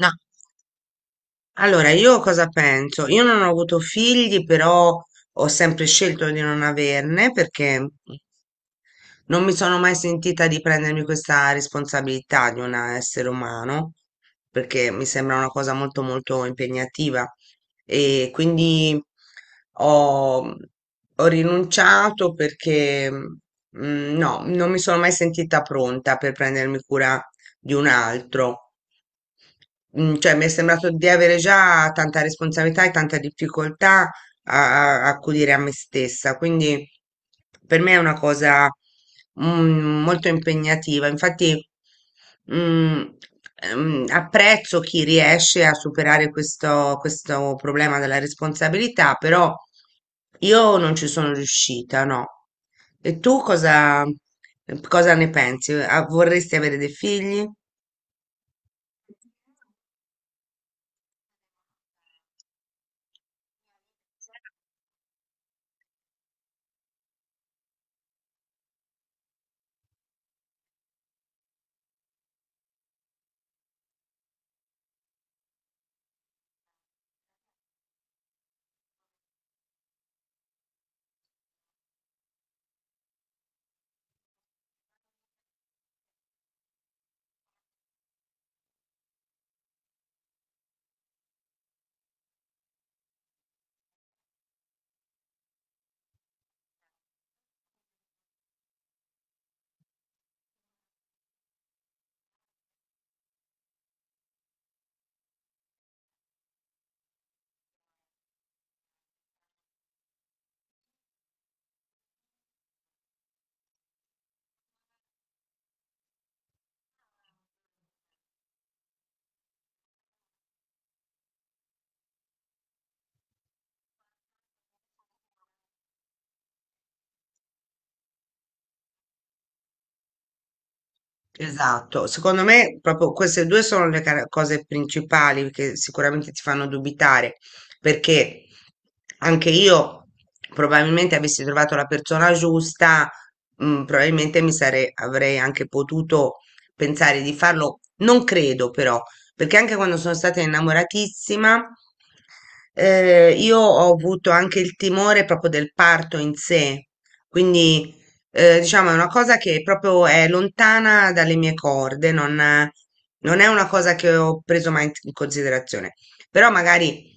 No, allora io cosa penso? Io non ho avuto figli, però ho sempre scelto di non averne perché non mi sono mai sentita di prendermi questa responsabilità di un essere umano, perché mi sembra una cosa molto molto impegnativa e quindi ho, ho rinunciato perché no, non mi sono mai sentita pronta per prendermi cura di un altro. Cioè, mi è sembrato di avere già tanta responsabilità e tanta difficoltà a accudire a me stessa, quindi per me è una cosa molto impegnativa. Infatti, mm, apprezzo chi riesce a superare questo problema della responsabilità, però io non ci sono riuscita, no. E tu cosa ne pensi? Ah, vorresti avere dei figli? Esatto, secondo me proprio queste due sono le cose principali che sicuramente ti fanno dubitare, perché anche io probabilmente avessi trovato la persona giusta, probabilmente avrei anche potuto pensare di farlo, non credo però, perché anche quando sono stata innamoratissima, io ho avuto anche il timore proprio del parto in sé, quindi diciamo, è una cosa che proprio è lontana dalle mie corde, non è una cosa che ho preso mai in considerazione. Però magari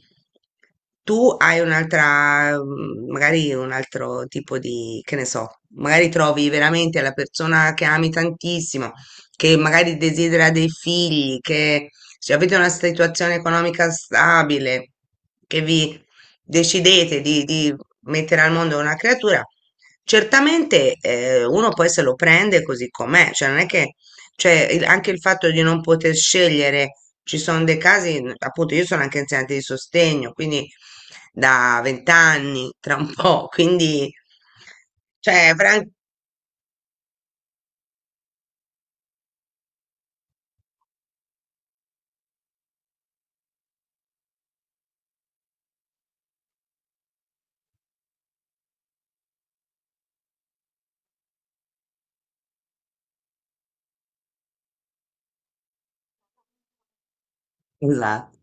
tu hai un'altra, magari un altro tipo di, che ne so, magari trovi veramente la persona che ami tantissimo, che magari desidera dei figli, che se avete una situazione economica stabile, che vi decidete di mettere al mondo una creatura, certamente uno poi se lo prende così com'è, cioè non è che, cioè anche il fatto di non poter scegliere, ci sono dei casi, appunto io sono anche insegnante di sostegno, quindi da vent'anni, tra un po', quindi, cioè, esatto,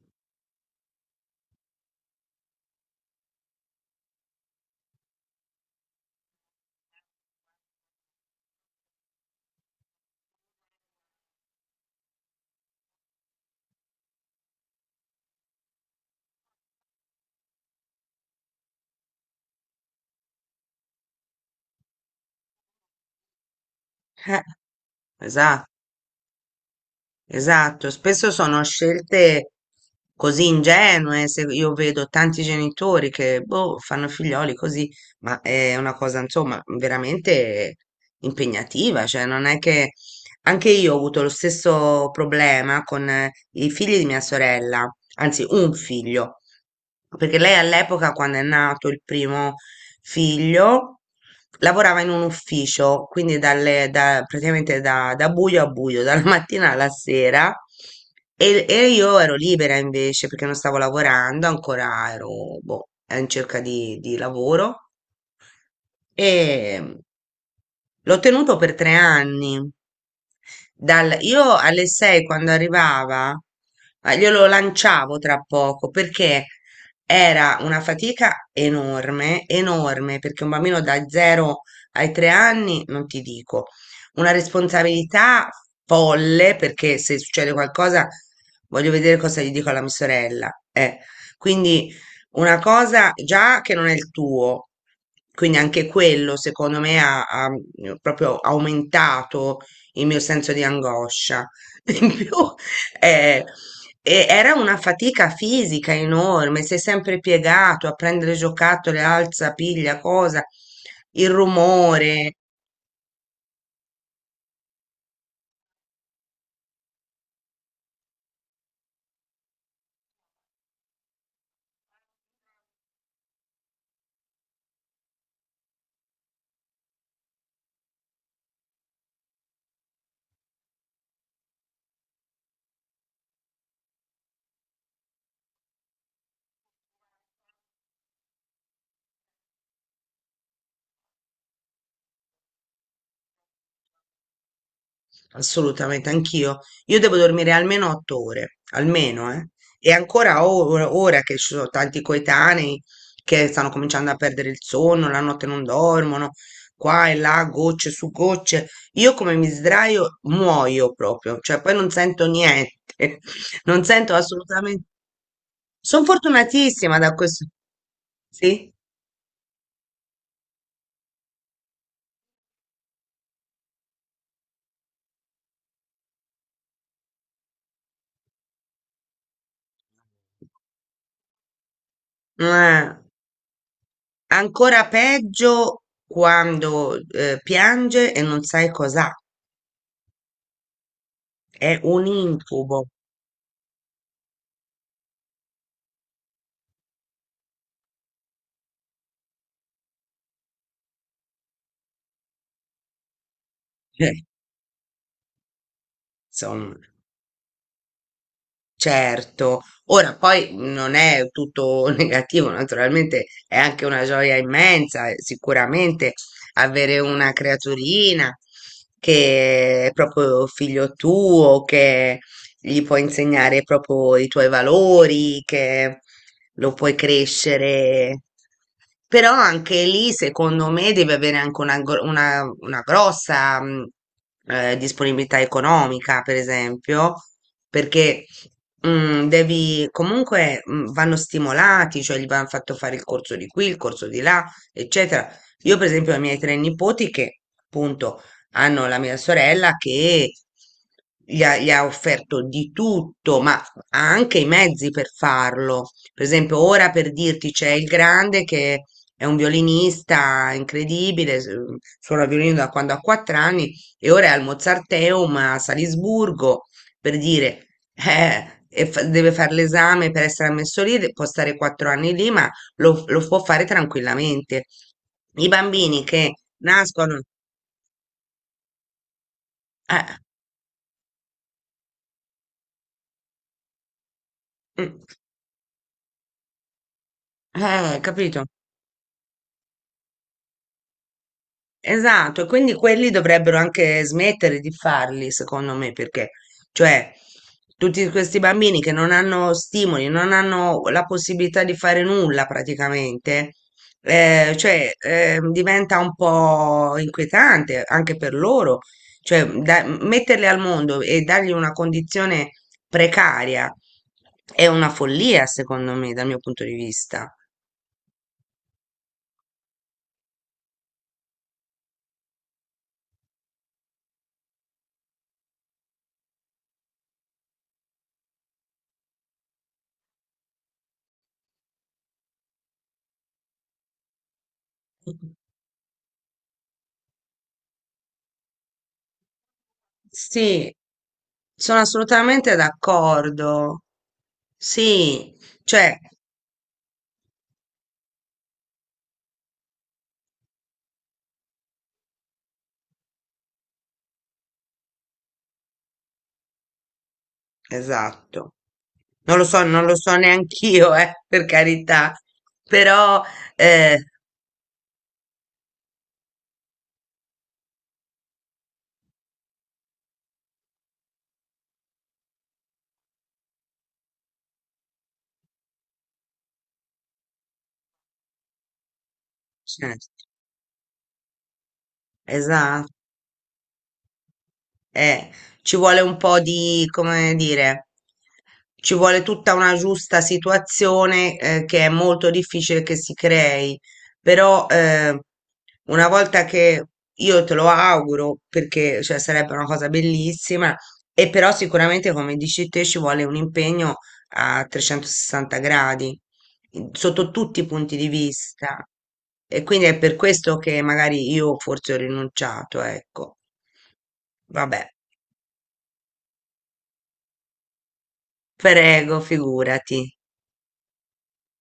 eh, esatto. Esatto, spesso sono scelte così ingenue, se io vedo tanti genitori che boh, fanno figlioli così, ma è una cosa insomma veramente impegnativa, cioè non è che anche io ho avuto lo stesso problema con i figli di mia sorella, anzi un figlio perché lei all'epoca, quando è nato il primo figlio, lavorava in un ufficio, quindi praticamente da buio a buio, dalla mattina alla sera, e io ero libera invece perché non stavo lavorando, ancora ero boh, in cerca di lavoro e l'ho tenuto per 3 anni. Io alle 6 quando arrivava, glielo lanciavo tra poco perché? Era una fatica enorme, enorme, perché un bambino da 0 ai 3 anni, non ti dico, una responsabilità folle, perché se succede qualcosa voglio vedere cosa gli dico alla mia sorella. Eh. Quindi una cosa già che non è il tuo, quindi anche quello secondo me ha proprio aumentato il mio senso di angoscia. In più, eh, e era una fatica fisica enorme, sei sempre piegato a prendere giocattoli, alza, piglia, cosa, il rumore. Assolutamente, anch'io. Io devo dormire almeno 8 ore, almeno, eh. E ancora ora che ci sono tanti coetanei che stanno cominciando a perdere il sonno, la notte non dormono, qua e là, gocce su gocce. Io come mi sdraio muoio proprio, cioè poi non sento niente, non sento assolutamente. Sono fortunatissima da questo. Sì, ma ancora peggio quando piange e non sai cos'ha. È un incubo. Eh, Insomma, certo. Ora, poi non è tutto negativo, naturalmente è anche una gioia immensa, sicuramente avere una creaturina che è proprio figlio tuo, che gli puoi insegnare proprio i tuoi valori, che lo puoi crescere. Però anche lì, secondo me, devi avere anche una, una grossa disponibilità economica, per esempio, perché devi comunque vanno stimolati, cioè gli vanno fatto fare il corso di qui, il corso di là, eccetera. Io, per esempio, ho i miei 3 nipoti che appunto hanno la mia sorella che gli ha offerto di tutto, ma ha anche i mezzi per farlo. Per esempio, ora per dirti c'è il grande che è un violinista incredibile, suona il violino da quando ha 4 anni e ora è al Mozarteum a Salisburgo, per dire, e deve fare l'esame per essere ammesso lì, può stare 4 anni lì, ma lo può fare tranquillamente. I bambini che nascono. Eh. Mm. Capito? Esatto, e quindi quelli dovrebbero anche smettere di farli, secondo me, perché, cioè, tutti questi bambini che non hanno stimoli, non hanno la possibilità di fare nulla praticamente, cioè, diventa un po' inquietante anche per loro, cioè, metterli al mondo e dargli una condizione precaria è una follia, secondo me, dal mio punto di vista. Sì, sono assolutamente d'accordo. Sì, cioè, esatto. Non lo so, non lo so neanch'io, per carità. Però, eh, certo, esatto. Eh, ci vuole un po' di, come dire, ci vuole tutta una giusta situazione, che è molto difficile che si crei, però, una volta che io te lo auguro, perché, cioè, sarebbe una cosa bellissima, e però sicuramente, come dici te, ci vuole un impegno a 360 gradi, sotto tutti i punti di vista. E quindi è per questo che magari io forse ho rinunciato, ecco. Vabbè. Prego, figurati.